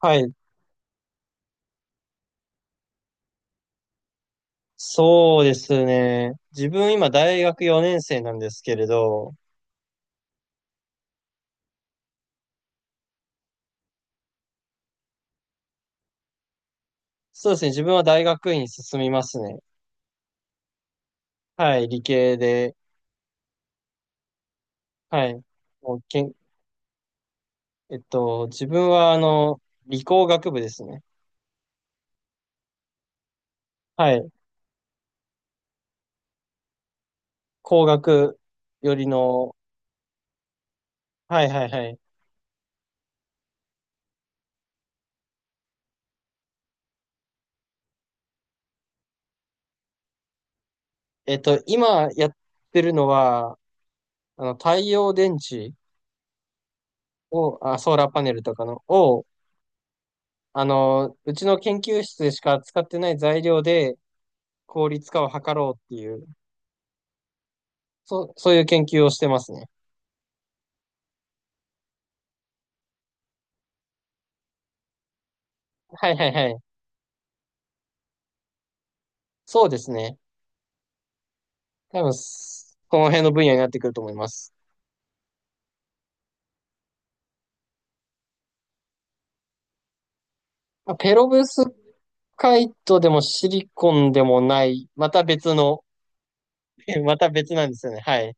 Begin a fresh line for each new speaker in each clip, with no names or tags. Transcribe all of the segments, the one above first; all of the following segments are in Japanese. はい。そうですね。自分今大学4年生なんですけれど、そうですね。自分は大学院に進みますね。はい。理系で。はい。もうけん、えっと、自分は理工学部ですね。はい。工学よりの、はいはいはい。今やってるのは、太陽電池を、あ、ソーラーパネルとかの、を、うちの研究室でしか使ってない材料で効率化を図ろうっていうそういう研究をしてますね。はいはいはい。そうですね。多分、この辺の分野になってくると思います。まあペロブスカイトでもシリコンでもない、また別の、また別なんですよね。はい。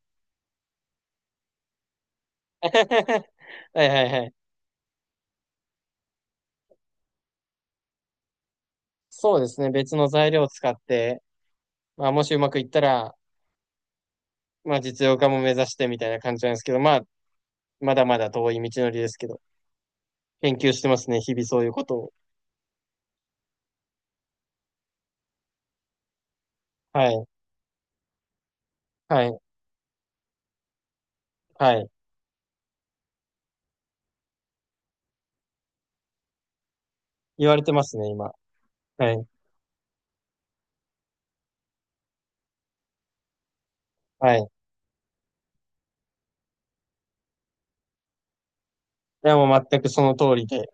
はいはいはい。そうですね。別の材料を使って、まあ、もしうまくいったら、まあ、実用化も目指してみたいな感じなんですけど、まあ、まだまだ遠い道のりですけど、研究してますね。日々そういうことを。はい。はい。はい。言われてますね、今。はい。はい。でもう全くその通りで。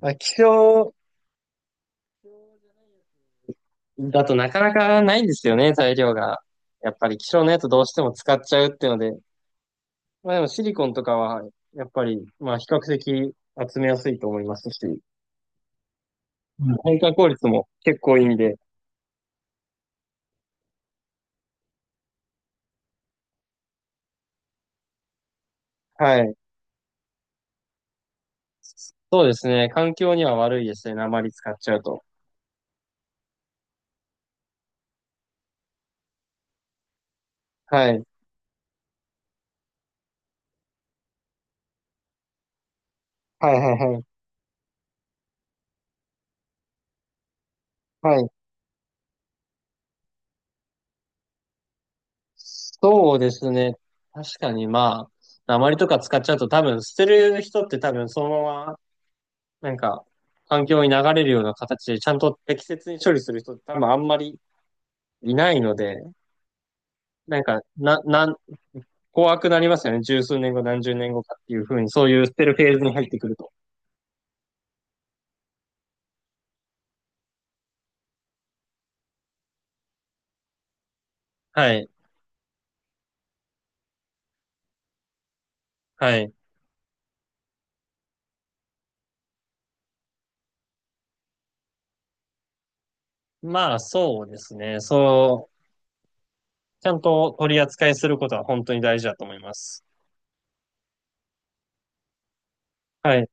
まあ、気象だとなかなかないんですよね、材料が。やっぱり気象のやつどうしても使っちゃうっていうので。まあでもシリコンとかは、やっぱり、まあ比較的集めやすいと思いますし、うん変換効率も結構いいんで、はい。そうですね。環境には悪いですね。鉛使っちゃうと。はい。はいはいはい。はい。そうですね。確かにまあ、鉛とか使っちゃうと多分捨てる人って多分そのままなんか、環境に流れるような形で、ちゃんと適切に処理する人って多分あんまりいないので、なんか、な、なん、怖くなりますよね。十数年後、何十年後かっていうふうに、そういう捨てるフェーズに入ってくると。はい。はい。まあ、そうですね。そう、ちゃんと取り扱いすることは本当に大事だと思います。はい。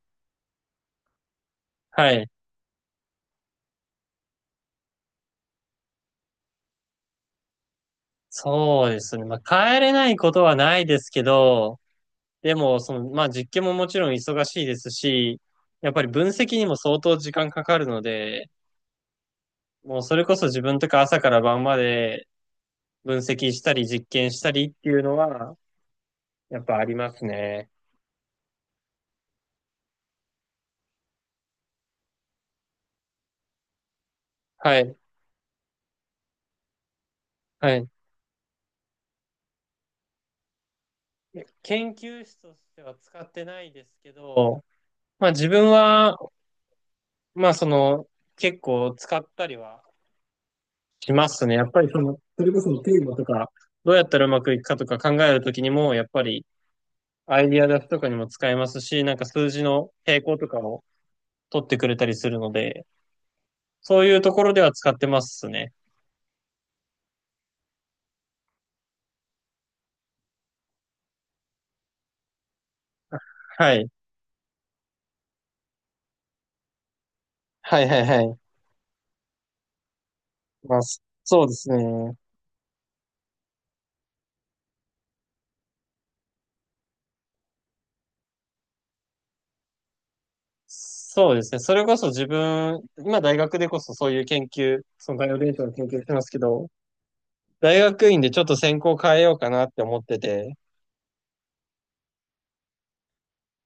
はい。そうですね。まあ、帰れないことはないですけど、でも、まあ、実験ももちろん忙しいですし、やっぱり分析にも相当時間かかるので、もうそれこそ自分とか朝から晩まで分析したり実験したりっていうのは、やっぱありますね。はい。はい。研究室としては使ってないですけど、まあ自分は、まあ結構使ったりはしますね。やっぱりそれこそテーマとか、どうやったらうまくいくかとか考えるときにも、やっぱりアイディア出すとかにも使えますし、なんか数字の傾向とかを取ってくれたりするので、そういうところでは使ってますね。はい。はいはいはい。まあ、そうですね。そうですね。それこそ自分、今大学でこそそういう研究、そのバイオデータの研究してますけど、大学院でちょっと専攻変えようかなって思ってて、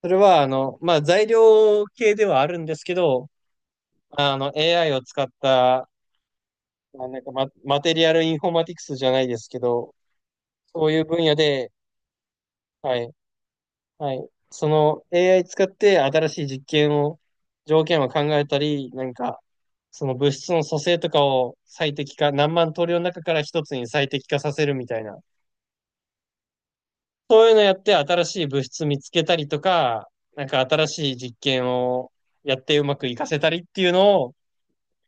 それはまあ材料系ではあるんですけど、AI を使った、まあなんかマテリアルインフォーマティクスじゃないですけど、そういう分野で、はい。はい。その AI 使って新しい実験を、条件を考えたり、なんか、その物質の組成とかを最適化、何万通りの中から一つに最適化させるみたいな。そういうのやって新しい物質見つけたりとか、なんか新しい実験をやってうまく活かせたりっていうのを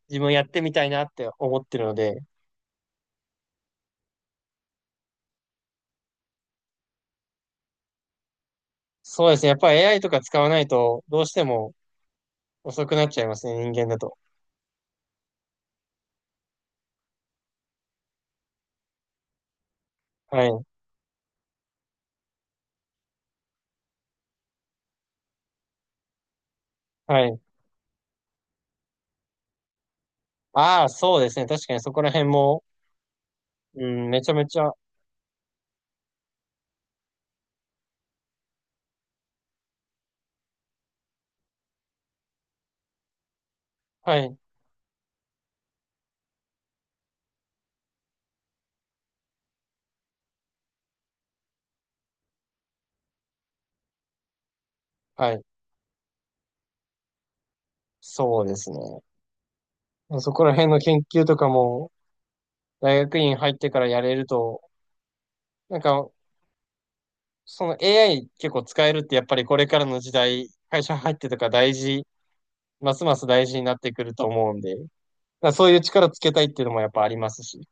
自分やってみたいなって思ってるので、そうですね。やっぱり AI とか使わないとどうしても遅くなっちゃいますね、人間だと。はい。はい。ああ、そうですね。確かにそこら辺もうん、めちゃめちゃ、はい、はい、そうですね。そこら辺の研究とかも、大学院入ってからやれると、なんか、その AI 結構使えるって、やっぱりこれからの時代、会社入ってとか大事、ますます大事になってくると思うんで、だからそういう力つけたいっていうのもやっぱありますし、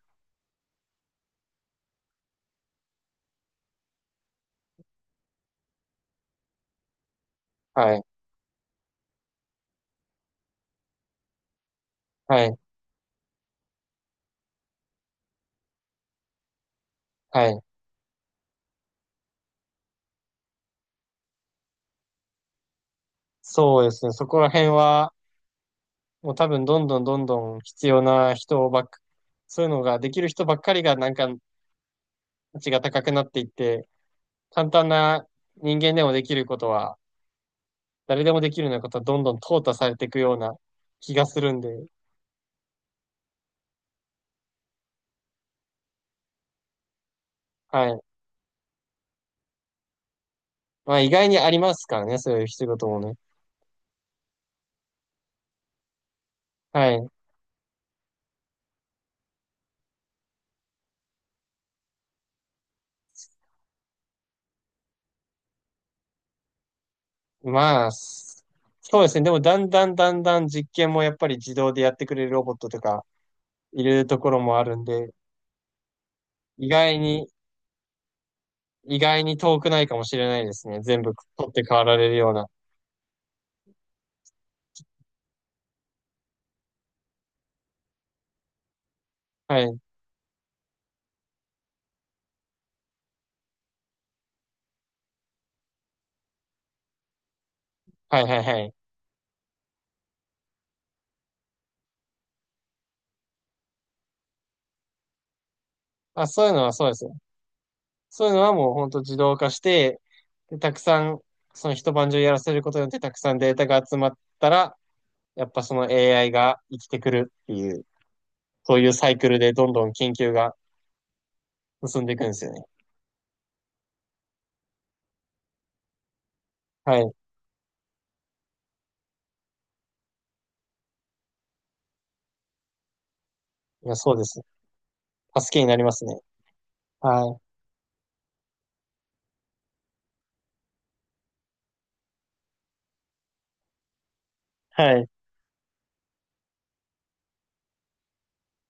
はい、はい、はい。そうですね。そこら辺は、もう多分どんどんどんどん必要な人ばっか、そういうのができる人ばっかりがなんか価値が高くなっていって、簡単な人間でもできることは、誰でもできるようなことはどんどん淘汰されていくような気がするんで、はい。まあ意外にありますからね、そういう仕事もね。はい。まあ、そうですね。でもだんだんだんだん実験もやっぱり自動でやってくれるロボットとかいるところもあるんで、意外に、意外に遠くないかもしれないですね。全部取って代わられるような。はい。はいはいはい。あ、そういうのはそうですよ。そういうのはもう本当自動化して、で、たくさん、その一晩中やらせることによってたくさんデータが集まったら、やっぱその AI が生きてくるっていう、そういうサイクルでどんどん研究が進んでいくんですよね。はい。いや、そうです。助けになりますね。はい。はい。